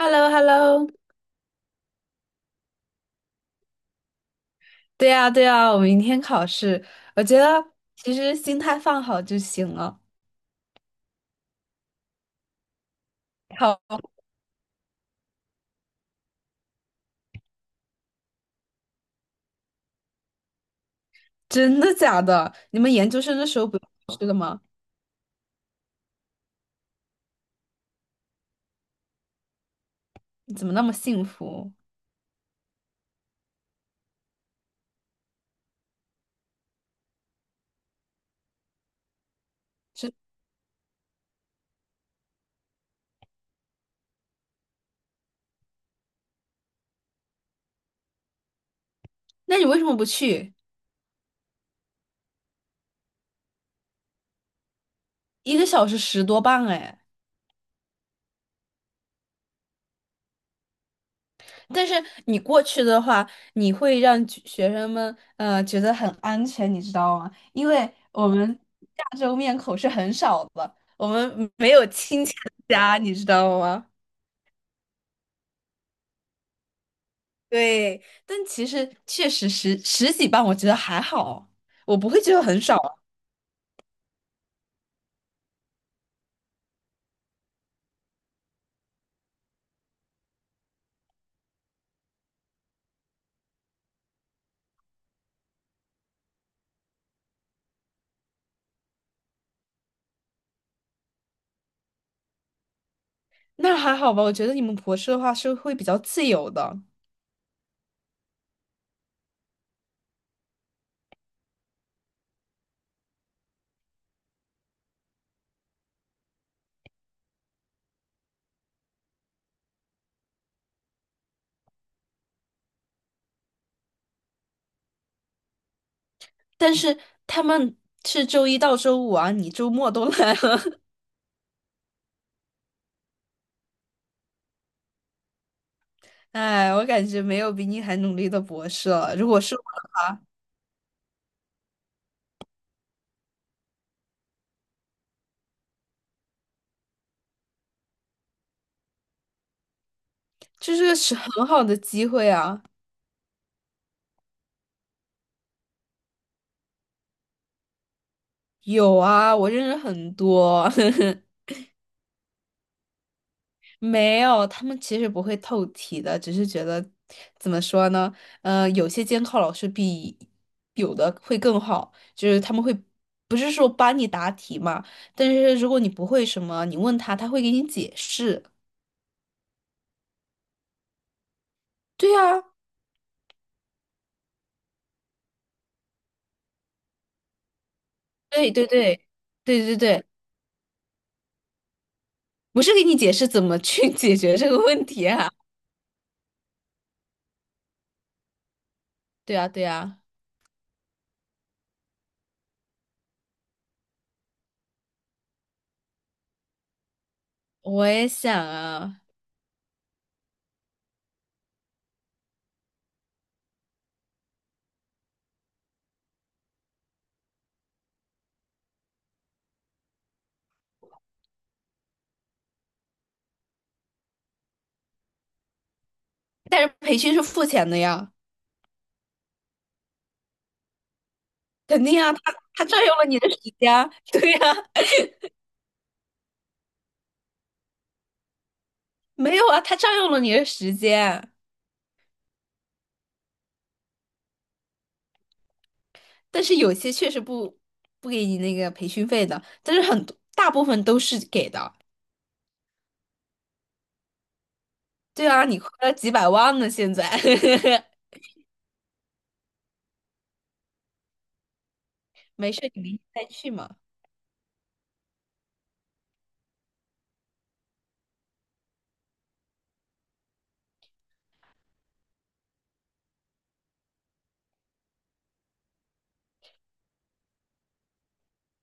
h e l l o h e l l o。 对呀，对呀，我明天考试，我觉得其实心态放好就行了。好，真的假的？你们研究生的时候不用考试的吗？你怎么那么幸福？是，那你为什么不去？一个小时10多磅哎！但是你过去的话，你会让学生们觉得很安全，你知道吗？因为我们亚洲面孔是很少的，我们没有亲戚的家，你知道吗？对，但其实确实十几磅，我觉得还好，我不会觉得很少啊，那还好吧。我觉得你们博士的话是会比较自由的，但是他们是周一到周五啊，你周末都 来了，哎，我感觉没有比你还努力的博士了。如果是我，这是个是很好的机会啊，有啊，我认识很多。没有，他们其实不会透题的，只是觉得怎么说呢？呃，有些监考老师比有的会更好，就是他们会不是说帮你答题嘛，但是如果你不会什么，你问他，他会给你解释。对啊，对对对对对对，不是给你解释怎么去 解决这个问题啊？对啊对啊，我也想啊，但是培训是付钱的呀，肯定啊，他占用了你的时间啊对呀。没有啊，他占用了你的时间，但是有些确实不给你那个培训费的，但是很多大部分都是给的。对啊，你亏了几百万呢，现在。没事，你明天再去嘛。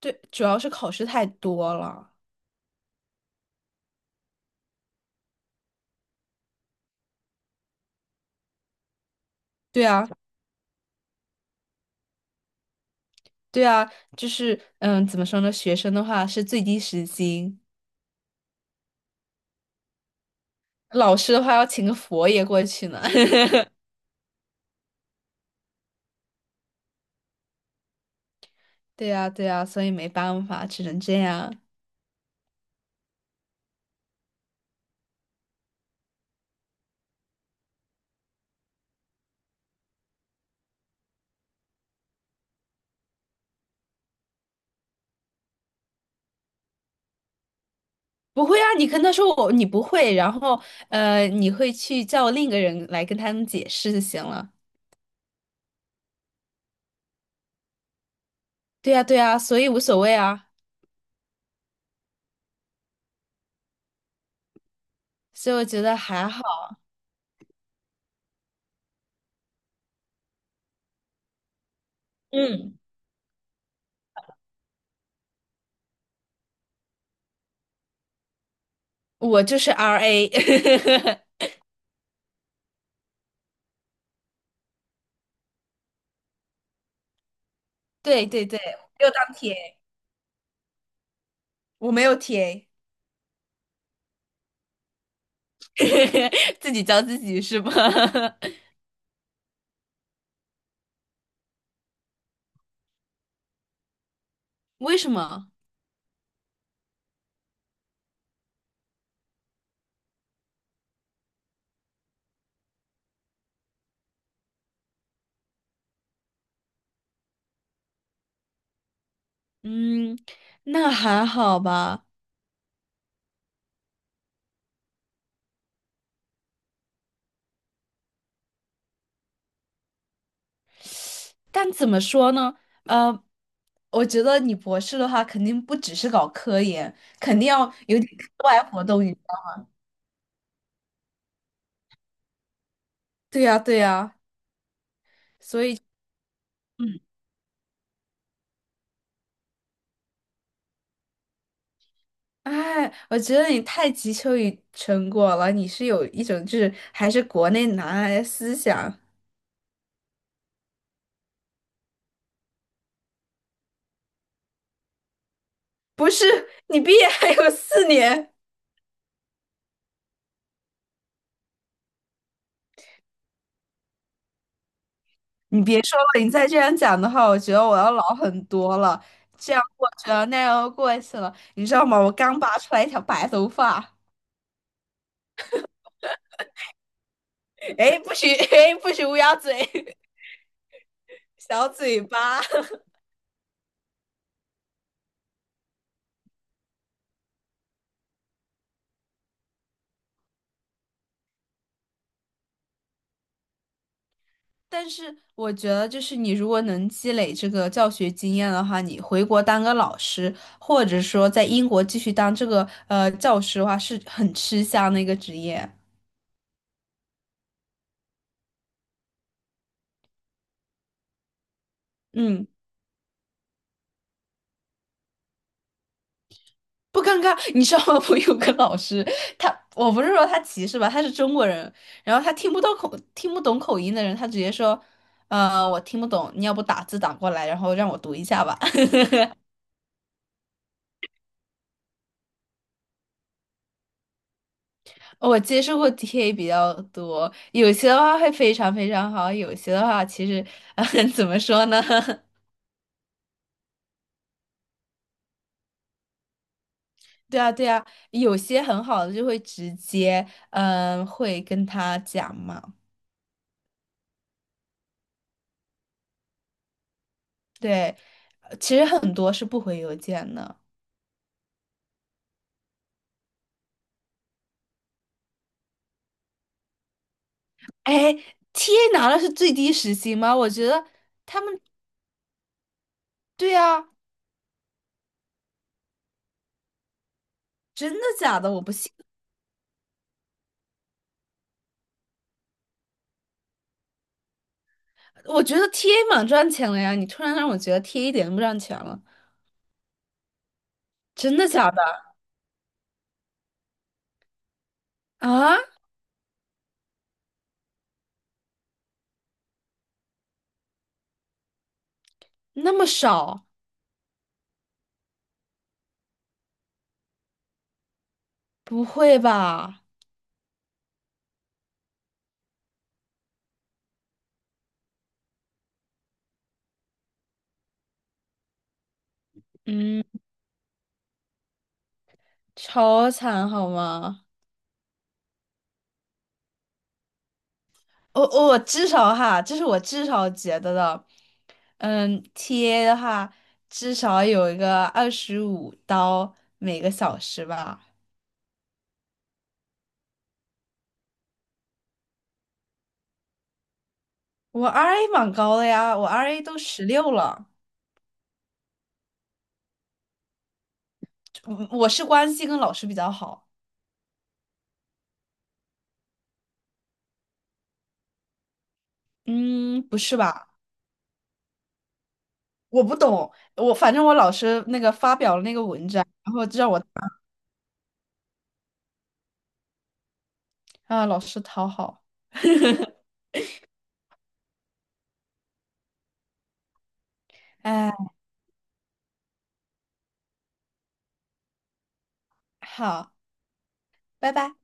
对，主要是考试太多了。对啊，对啊，就是嗯，怎么说呢？学生的话是最低时薪，老师的话要请个佛爷过去呢。对啊，对啊，所以没办法，只能这样。不会啊，你跟他说我你不会，然后你会去叫另一个人来跟他们解释就行了。对呀，对呀，所以无所谓啊，所以我觉得还好。嗯，我就是 RA，对对对，没有当 TA，我没有 TA，自己教自己是吧？为什么？嗯，那还好吧，但怎么说呢？呃，我觉得你博士的话，肯定不只是搞科研，肯定要有点课外活动。对呀，对呀，所以，嗯，哎，我觉得你太急求于成果了，你是有一种就是还是国内男孩的思想，不是？你毕业还有4年，你别说了，你再这样讲的话，我觉得我要老很多了。这样过去了，那样又过去了，你知道吗？我刚拔出来一条白头发，哎，不许，哎，不许乌鸦嘴，小嘴巴。但是我觉得，就是你如果能积累这个教学经验的话，你回国当个老师，或者说在英国继续当这个教师的话，是很吃香的一个职业。嗯，不尴尬。你知道吗？我有个老师，他我不是说他歧视吧，他是中国人，然后他听不懂口音的人，他直接说，我听不懂，你要不打字打过来，然后让我读一下吧。我接触过 TA 比较多，有些的话会非常非常好，有些的话其实，嗯，怎么说呢？对啊，对啊，有些很好的就会直接，嗯，会跟他讲嘛。对，其实很多是不回邮件的。哎，TA 拿的是最低时薪吗？我觉得他们，对啊，真的假的？我不信。我觉得 TA 蛮赚钱的呀，你突然让我觉得 TA 一点都不赚钱了，真的假的啊？那么少？不会吧？嗯，超惨好吗？我、我至少哈，这是我至少觉得的。嗯，TA 的话至少有一个25刀每个小时吧。我 RA 蛮高的呀，我 RA 都16了。我是关系跟老师比较好，嗯，不是吧？我不懂，我反正我老师那个发表了那个文章，然后就让我啊老师讨好，哎，好，拜拜。